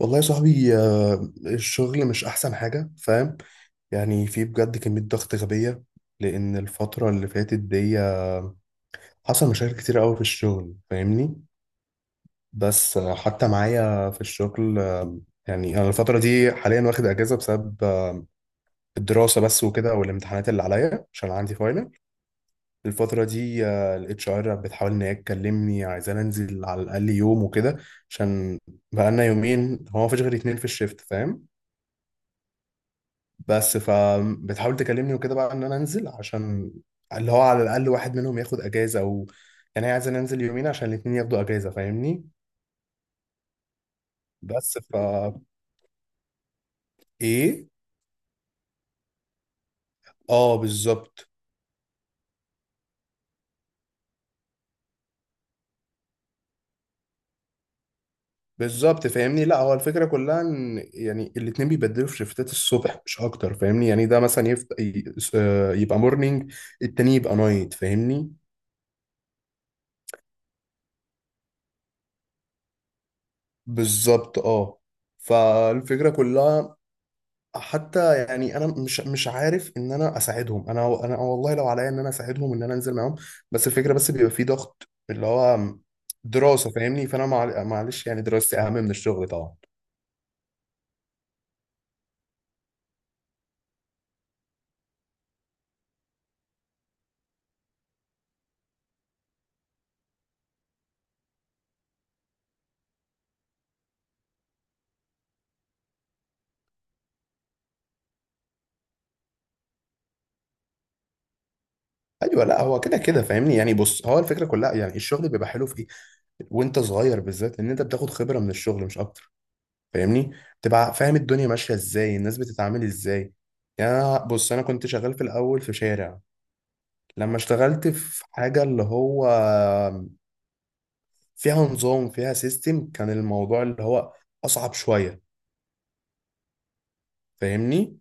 والله يا صاحبي الشغل مش احسن حاجة، فاهم؟ يعني في بجد كمية ضغط غبية، لان الفترة اللي فاتت دي حصل مشاكل كتير قوي في الشغل، فاهمني؟ بس حتى معايا في الشغل، يعني انا الفترة دي حاليا واخد اجازة بسبب الدراسة بس وكده، والامتحانات اللي عليا عشان عندي فاينل الفترة دي. الاتش ار بتحاول ان هي تكلمني، عايزاني انزل على الاقل يوم وكده، عشان بقالنا يومين هو مفيش غير اتنين في الشيفت، فاهم؟ بس فبتحاول تكلمني وكده بقى ان انا انزل، عشان اللي هو على الاقل واحد منهم ياخد اجازه، او يعني هي عايزه ننزل يومين عشان الاتنين ياخدوا اجازه، فاهمني؟ بس ف ايه. اه، بالظبط. بالظبط، فاهمني؟ لا هو الفكره كلها ان يعني الاتنين بيبدلوا في شيفتات الصبح مش اكتر، فاهمني؟ يعني ده مثلا يبقى مورنينج، التاني يبقى نايت، فاهمني؟ بالظبط، اه. فالفكره كلها، حتى يعني انا مش عارف ان انا اساعدهم. انا والله لو عليا ان انا اساعدهم ان انا انزل معاهم، بس الفكره بس بيبقى في ضغط اللي هو دراسه، فاهمني؟ فانا معلش، يعني دراستي اهم من الشغل طبعا. ايوه، لا هو كده كده فاهمني. يعني بص، هو الفكره كلها يعني الشغل بيبقى حلو في ايه؟ وانت صغير بالذات، ان انت بتاخد خبره من الشغل مش اكتر، فاهمني؟ تبقى فاهم الدنيا ماشيه ازاي، الناس بتتعامل ازاي. يعني بص انا كنت شغال في الاول في شارع، لما اشتغلت في حاجه اللي هو فيها نظام، فيها سيستم، كان الموضوع اللي هو اصعب شويه، فاهمني؟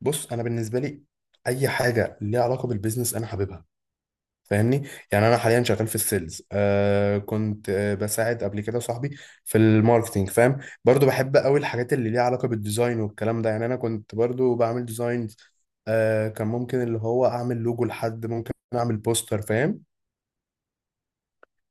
بص انا بالنسبه لي اي حاجه ليها علاقه بالبيزنس انا حاببها، فاهمني؟ يعني انا حاليا شغال في السيلز، كنت بساعد قبل كده صاحبي في الماركتينج، فاهم؟ برضو بحب قوي الحاجات اللي ليها علاقه بالديزاين والكلام ده. يعني انا كنت برضو بعمل ديزاينز، كان ممكن اللي هو اعمل لوجو، لحد ممكن اعمل بوستر، فاهم؟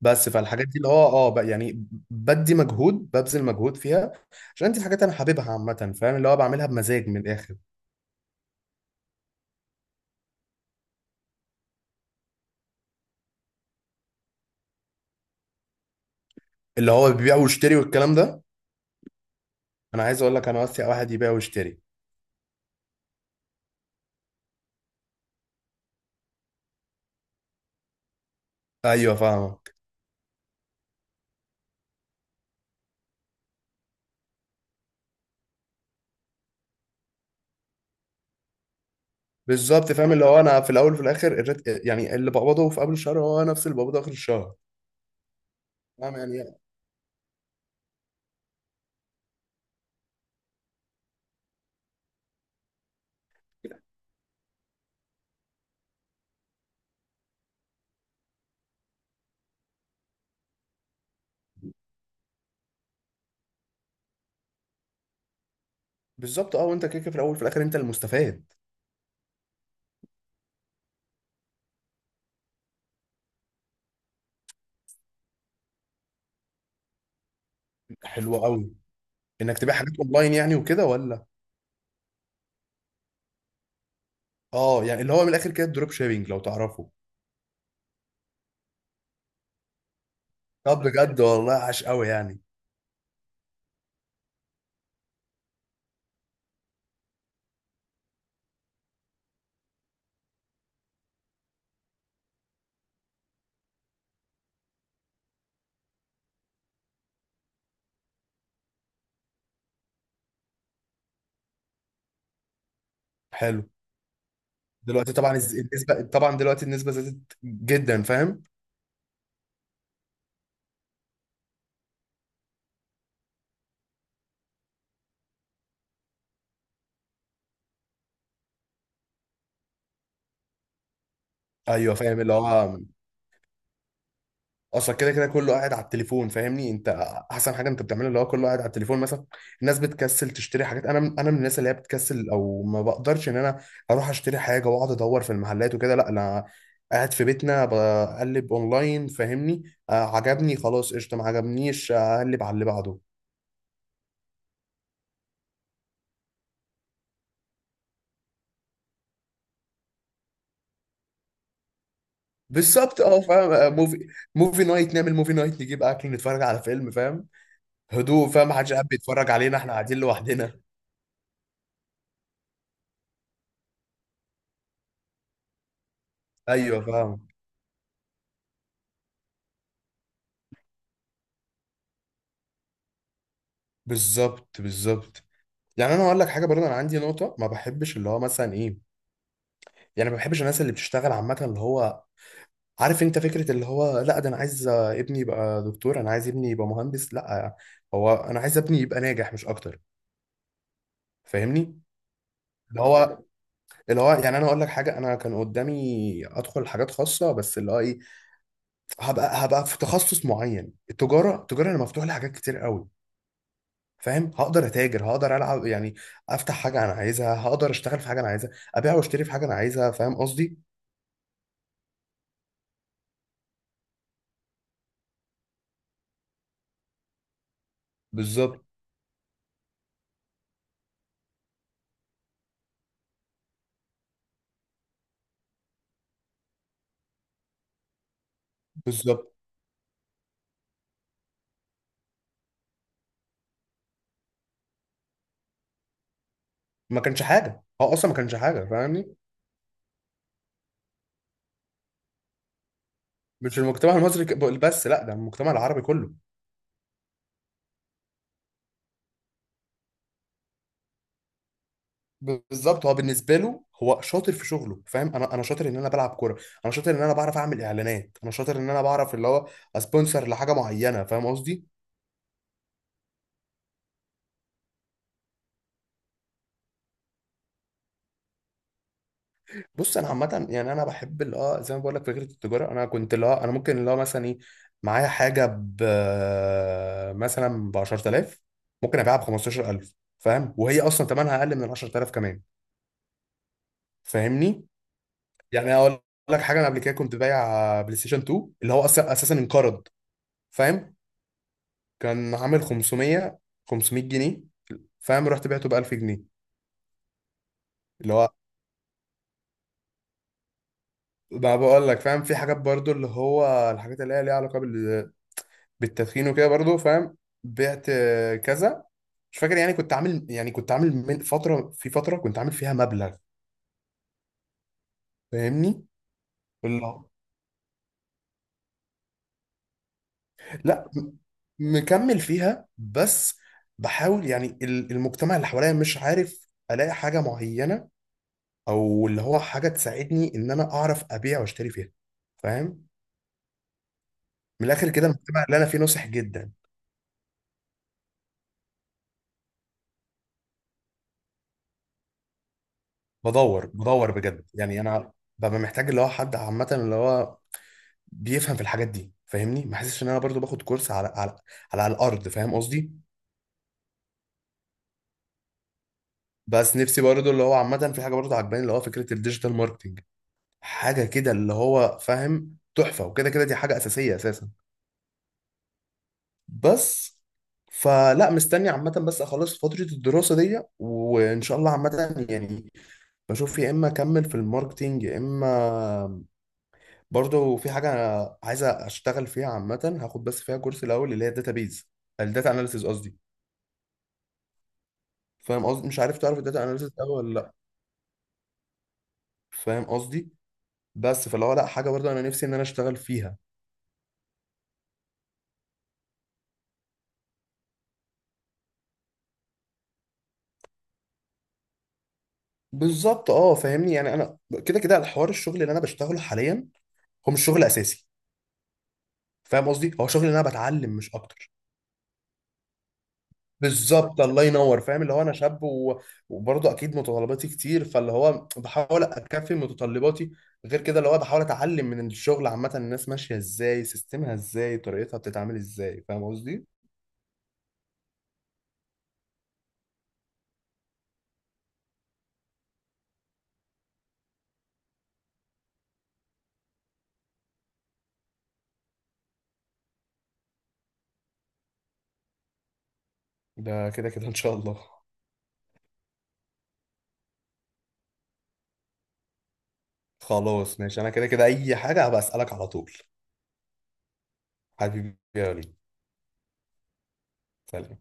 بس فالحاجات دي اللي هو اه بقى، يعني بدي مجهود، ببذل مجهود فيها عشان دي الحاجات انا حاببها عامه، فاهم؟ اللي هو بعملها بمزاج من الاخر. اللي هو بيبيع ويشتري والكلام ده. انا عايز اقول لك انا واسع واحد يبيع ويشتري. ايوه، فاهمك. بالظبط، فاهم اللي هو انا في الاول وفي الاخر يعني اللي بقبضه في قبل الشهر هو نفس اللي بقبضه اخر الشهر، فاهم يعني؟ بالظبط، اه. وانت كده كده في الاول وفي الاخر انت المستفاد. حلو قوي. انك تبيع حاجات اونلاين يعني وكده، ولا؟ اه، يعني اللي هو من الاخر كده الدروب شيبينج، لو تعرفه. طب بجد والله عاش قوي يعني. حلو. دلوقتي طبعا النسبه، طبعا دلوقتي النسبه زادت جدا، فاهم؟ ايوه، فاهم اللي هو اصلا كده كده كله قاعد على التليفون، فاهمني انت؟ احسن حاجه انت بتعملها اللي هو كله قاعد على التليفون مثلا. الناس بتكسل تشتري حاجات. انا انا من الناس اللي هي بتكسل، او ما بقدرش ان انا اروح اشتري حاجه واقعد ادور في المحلات وكده. لا انا قاعد في بيتنا بقلب اونلاين، فاهمني؟ آه عجبني، خلاص قشطه، ما عجبنيش اقلب على اللي بعده. بالظبط، اه، فاهم. موفي، موفي نايت. نعمل موفي نايت، نجيب اكل، نتفرج على فيلم، فاهم؟ هدوء، فاهم؟ محدش قاعد بيتفرج علينا، احنا قاعدين لوحدنا. ايوه، فاهم. بالظبط، بالظبط. يعني انا هقول لك حاجه برضه، انا عندي نقطه ما بحبش اللي هو مثلا ايه؟ يعني ما بحبش الناس اللي بتشتغل عامه اللي هو، عارف انت فكره اللي هو لا ده انا عايز ابني يبقى دكتور، انا عايز ابني يبقى مهندس؟ لا، هو انا عايز ابني يبقى ناجح مش اكتر، فاهمني؟ اللي هو، اللي هو يعني انا اقول لك حاجه، انا كان قدامي ادخل حاجات خاصه، بس اللي هو ايه؟ هبقى في تخصص معين. التجاره، التجاره انا مفتوح لي حاجات كتير قوي، فاهم؟ هقدر اتاجر، هقدر العب يعني، افتح حاجه انا عايزها، هقدر اشتغل في حاجه انا عايزها، ابيع واشتري في حاجه انا عايزها، فاهم قصدي؟ بالظبط، بالظبط. ما كانش حاجه، هو اصلا ما كانش حاجه، فاهمني؟ مش المجتمع المصري بس، لا ده المجتمع العربي كله. بالظبط، هو بالنسبه له هو شاطر في شغله، فاهم؟ انا انا شاطر ان انا بلعب كوره، انا شاطر ان انا بعرف اعمل اعلانات، انا شاطر ان انا بعرف اللي هو اسبونسر لحاجه معينه، فاهم قصدي؟ بص انا عامه يعني انا بحب اللي اه زي ما بقول لك فكره التجاره. انا كنت اللي اه انا ممكن اللي هو مثلا ايه؟ معايا حاجه ب، مثلا ب 10,000، ممكن ابيعها ب 15,000، فاهم؟ وهي اصلا ثمنها اقل من 10,000 كمان، فاهمني؟ يعني اقول لك حاجه، انا قبل كده كنت بايع بلاي ستيشن 2 اللي هو اصلا اساسا انقرض، فاهم؟ كان عامل 500، 500 جنيه، فاهم؟ رحت بعته ب 1000 جنيه. اللي هو ما بقول لك، فاهم؟ في حاجات برضو اللي هو الحاجات اللي هي ليها علاقه بالتدخين وكده برضو، فاهم؟ بعت كذا، مش فاكر يعني. كنت عامل، يعني كنت عامل من فترة، في فترة كنت عامل فيها مبلغ، فاهمني؟ الله. لا م- مكمل فيها، بس بحاول، يعني المجتمع اللي حواليا مش عارف الاقي حاجة معينة، او اللي هو حاجة تساعدني ان انا اعرف ابيع واشتري فيها، فاهم؟ من الاخر كده المجتمع اللي انا فيه ناصح جدا. بدور بدور بجد يعني، انا ببقى محتاج اللي هو حد عامة اللي هو بيفهم في الحاجات دي، فاهمني؟ ما حسيتش ان انا برضو باخد كورس على على، على الارض، فاهم قصدي؟ بس نفسي برضو اللي هو عامه في حاجه برضو عجباني، اللي هو فكره الديجيتال ماركتنج، حاجه كده اللي هو فاهم تحفه، وكده كده دي حاجه اساسيه اساسا. بس، فلا مستني عامة بس اخلص فترة الدراسة دي، وان شاء الله عامة يعني بشوف. يا اما اكمل في الماركتينج، يا اما برضو في حاجة عايز اشتغل فيها عامة، هاخد بس فيها كورس الاول اللي هي الداتابيز، الداتا اناليسيز قصدي، فاهم قصدي؟ مش عارف تعرف الداتا اناليسيس قوي ولا لا؟ فاهم قصدي؟ بس فلو لا، حاجه برضه انا نفسي ان انا اشتغل فيها. بالظبط، اه، فاهمني؟ يعني انا كده كده الحوار، الشغل اللي انا بشتغله حاليا هو مش شغل اساسي، فاهم قصدي؟ هو شغل اللي انا بتعلم مش اكتر. بالظبط، الله ينور، فاهم اللي هو انا شاب و... وبرضه اكيد متطلباتي كتير، فاللي هو بحاول اكفي متطلباتي، غير كده اللي هو بحاول اتعلم من الشغل عامه الناس ماشيه ازاي، سيستمها ازاي، طريقتها بتتعامل ازاي، فاهم قصدي؟ ده كده كده ان شاء الله. خلاص ماشي، انا كده كده اي حاجه هبقى اسالك على طول. حبيبي يا وليد، سلام.